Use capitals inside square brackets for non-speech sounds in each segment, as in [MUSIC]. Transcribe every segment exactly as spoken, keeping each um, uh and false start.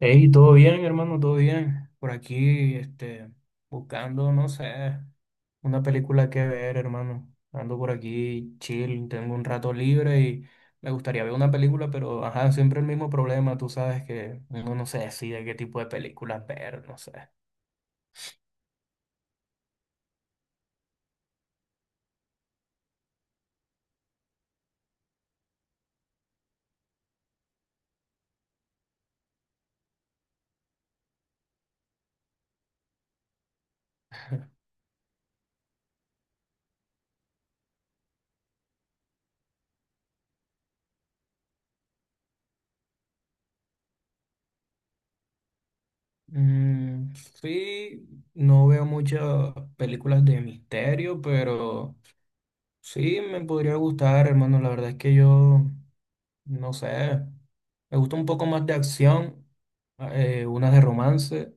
Hey, todo bien, hermano, todo bien. Por aquí, este, buscando, no sé, una película que ver, hermano. Ando por aquí, chill, tengo un rato libre y me gustaría ver una película, pero, ajá, siempre el mismo problema, tú sabes que uno no se decide qué tipo de películas ver, no sé. Mm, sí, no veo muchas películas de misterio, pero sí me podría gustar, hermano. La verdad es que yo no sé, me gusta un poco más de acción, eh, unas de romance,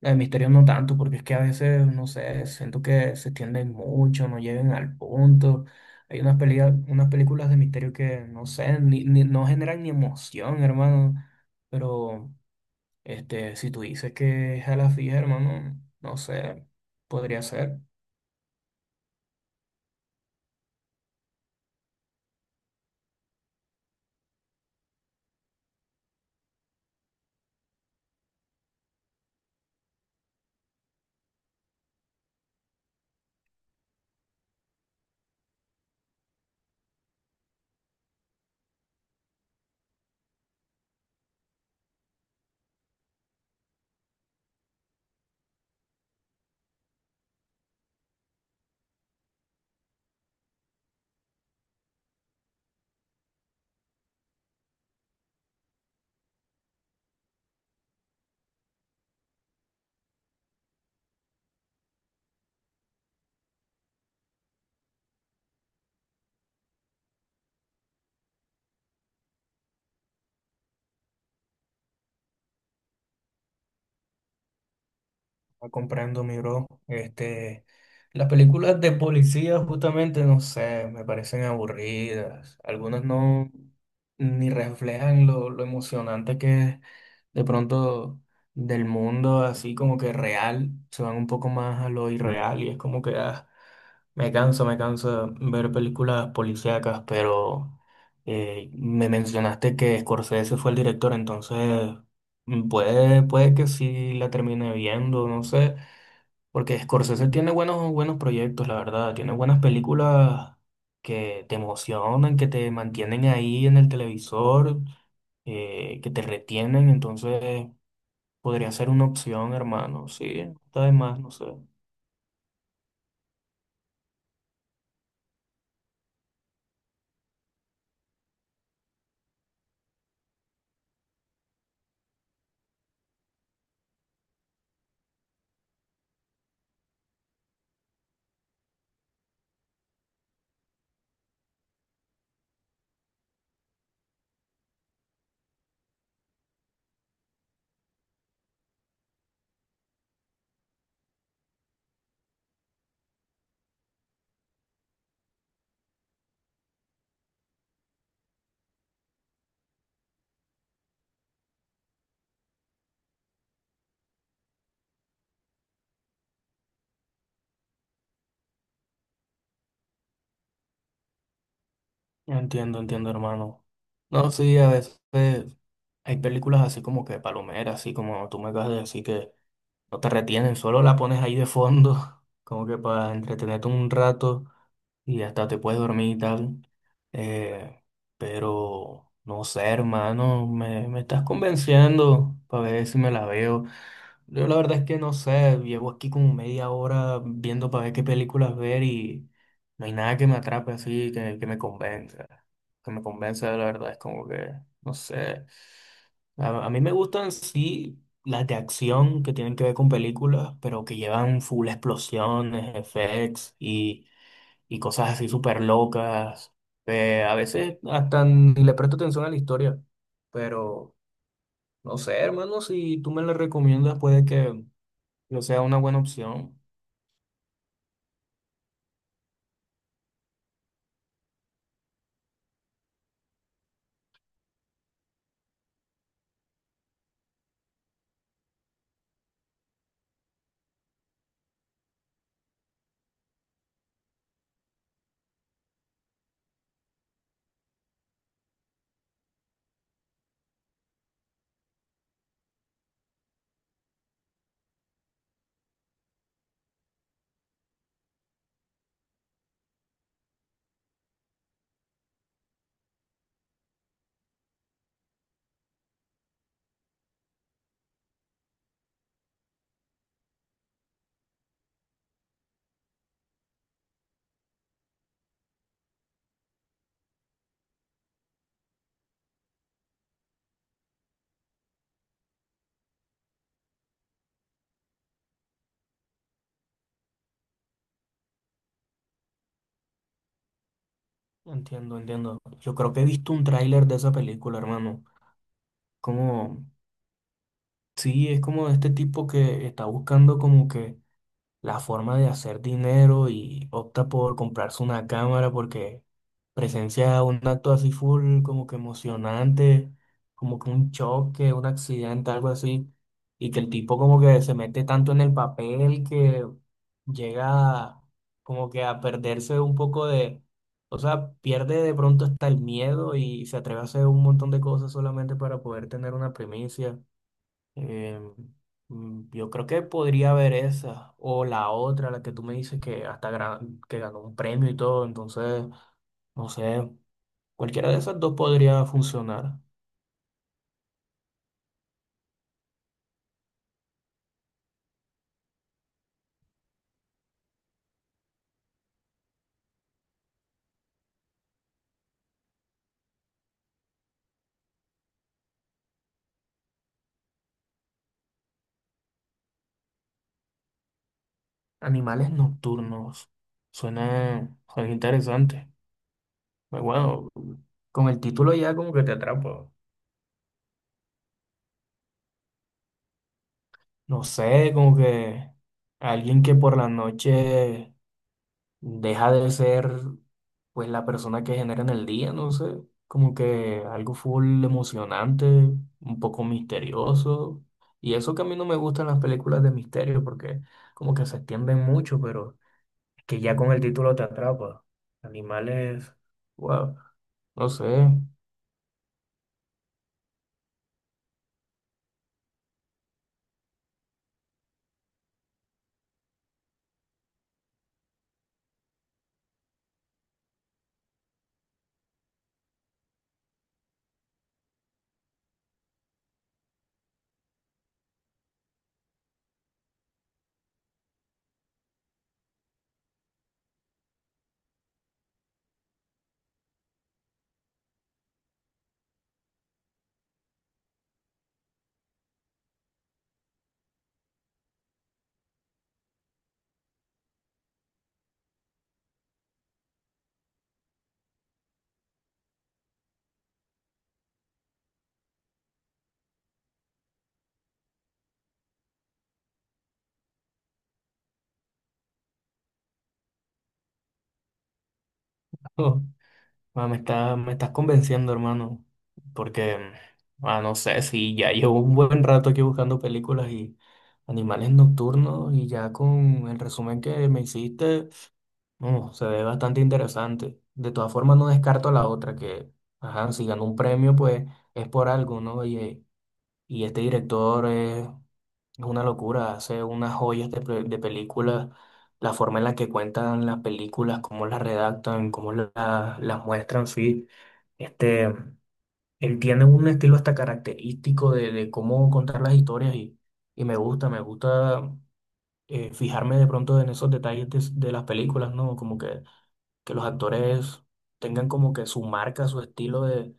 la de misterio no tanto, porque es que a veces, no sé, siento que se extienden mucho, no llegan al punto. Hay unas peleas, unas películas de misterio que, no sé, ni, ni- no generan ni emoción, hermano. Pero, este, si tú dices que es a la fija, hermano, no sé, podría ser. Comprendo, mi bro. Este, las películas de policía, justamente, no sé, me parecen aburridas. Algunas no ni reflejan lo, lo emocionante que es de pronto del mundo, así como que real. Se van un poco más a lo irreal y es como que ah, me canso, me canso de ver películas policíacas, pero eh, me mencionaste que Scorsese fue el director, entonces. Mm, Puede, puede que sí la termine viendo, no sé. Porque Scorsese tiene buenos, buenos proyectos, la verdad. Tiene buenas películas que te emocionan, que te mantienen ahí en el televisor, eh, que te retienen. Entonces podría ser una opción, hermano. Sí, está de más, no sé. Entiendo, entiendo, hermano. No, sí, a veces hay películas así como que palomeras, así como tú me acabas de decir que no te retienen, solo la pones ahí de fondo, [LAUGHS] como que para entretenerte un rato, y hasta te puedes dormir y tal. Eh, pero no sé, hermano, me, me estás convenciendo para ver si me la veo. Yo la verdad es que no sé, llevo aquí como media hora viendo para ver qué películas ver y no hay nada que me atrape así, que, que me convenza. Que me convenza, la verdad, es como que, no sé. A, a mí me gustan, sí, las de acción que tienen que ver con películas, pero que llevan full explosiones, effects y y cosas así súper locas. Eh, a veces hasta ni le presto atención a la historia, pero no sé, hermano, si tú me la recomiendas, puede que no sea una buena opción. Entiendo, entiendo. Yo creo que he visto un tráiler de esa película, hermano. Como, sí, es como de este tipo que está buscando como que la forma de hacer dinero y opta por comprarse una cámara porque presencia un acto así full, como que emocionante, como que un choque, un accidente, algo así, y que el tipo como que se mete tanto en el papel que llega como que a perderse un poco de, o sea, pierde de pronto hasta el miedo y se atreve a hacer un montón de cosas solamente para poder tener una primicia. Eh, mm, yo creo que podría haber esa o la otra, la que tú me dices que hasta gra- que ganó un premio y todo, entonces, no sé, cualquiera de esas dos podría funcionar. Animales nocturnos, suena, suena interesante. Pues bueno, con el título ya como que te atrapa. No sé, como que alguien que por la noche deja de ser pues la persona que genera en el día, no sé, como que algo full emocionante, un poco misterioso. Y eso que a mí no me gustan las películas de misterio porque como que se extienden mucho, pero que ya con el título te atrapa. Animales, wow, no sé. [LAUGHS] Ah, me está, me estás convenciendo, hermano, porque, ah, no sé, si ya llevo un buen rato aquí buscando películas y animales nocturnos y ya con el resumen que me hiciste, no, se ve bastante interesante. De todas formas, no descarto la otra, que, ajá, si ganó un premio, pues es por algo, ¿no? Y, y este director es, es una locura, hace unas joyas de, pe- de películas, la forma en la que cuentan las películas, cómo las redactan, cómo la- las muestran, sí. Este, Él tiene un estilo hasta característico de, de cómo contar las historias y, y me gusta, me gusta eh, fijarme de pronto en esos detalles de, de las películas, ¿no? Como que, que los actores tengan como que su marca, su estilo de,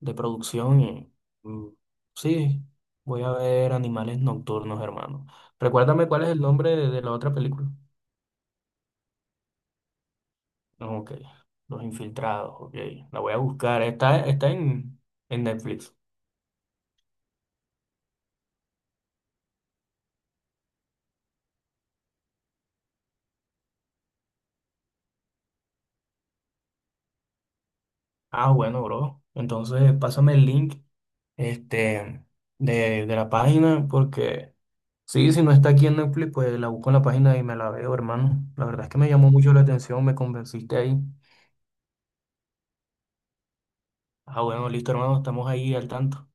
de producción y mm, sí, voy a ver Animales Nocturnos, hermano. Recuérdame cuál es el nombre de, de la otra película. Ok, Los Infiltrados, ok, la voy a buscar, está, está en, en Netflix. Ah, bueno, bro. Entonces, pásame el link, este, de, de la página, porque sí, si no está aquí en Netflix, pues la busco en la página y me la veo, hermano. La verdad es que me llamó mucho la atención, me convenciste ahí. Ah, bueno, listo, hermano, estamos ahí al tanto.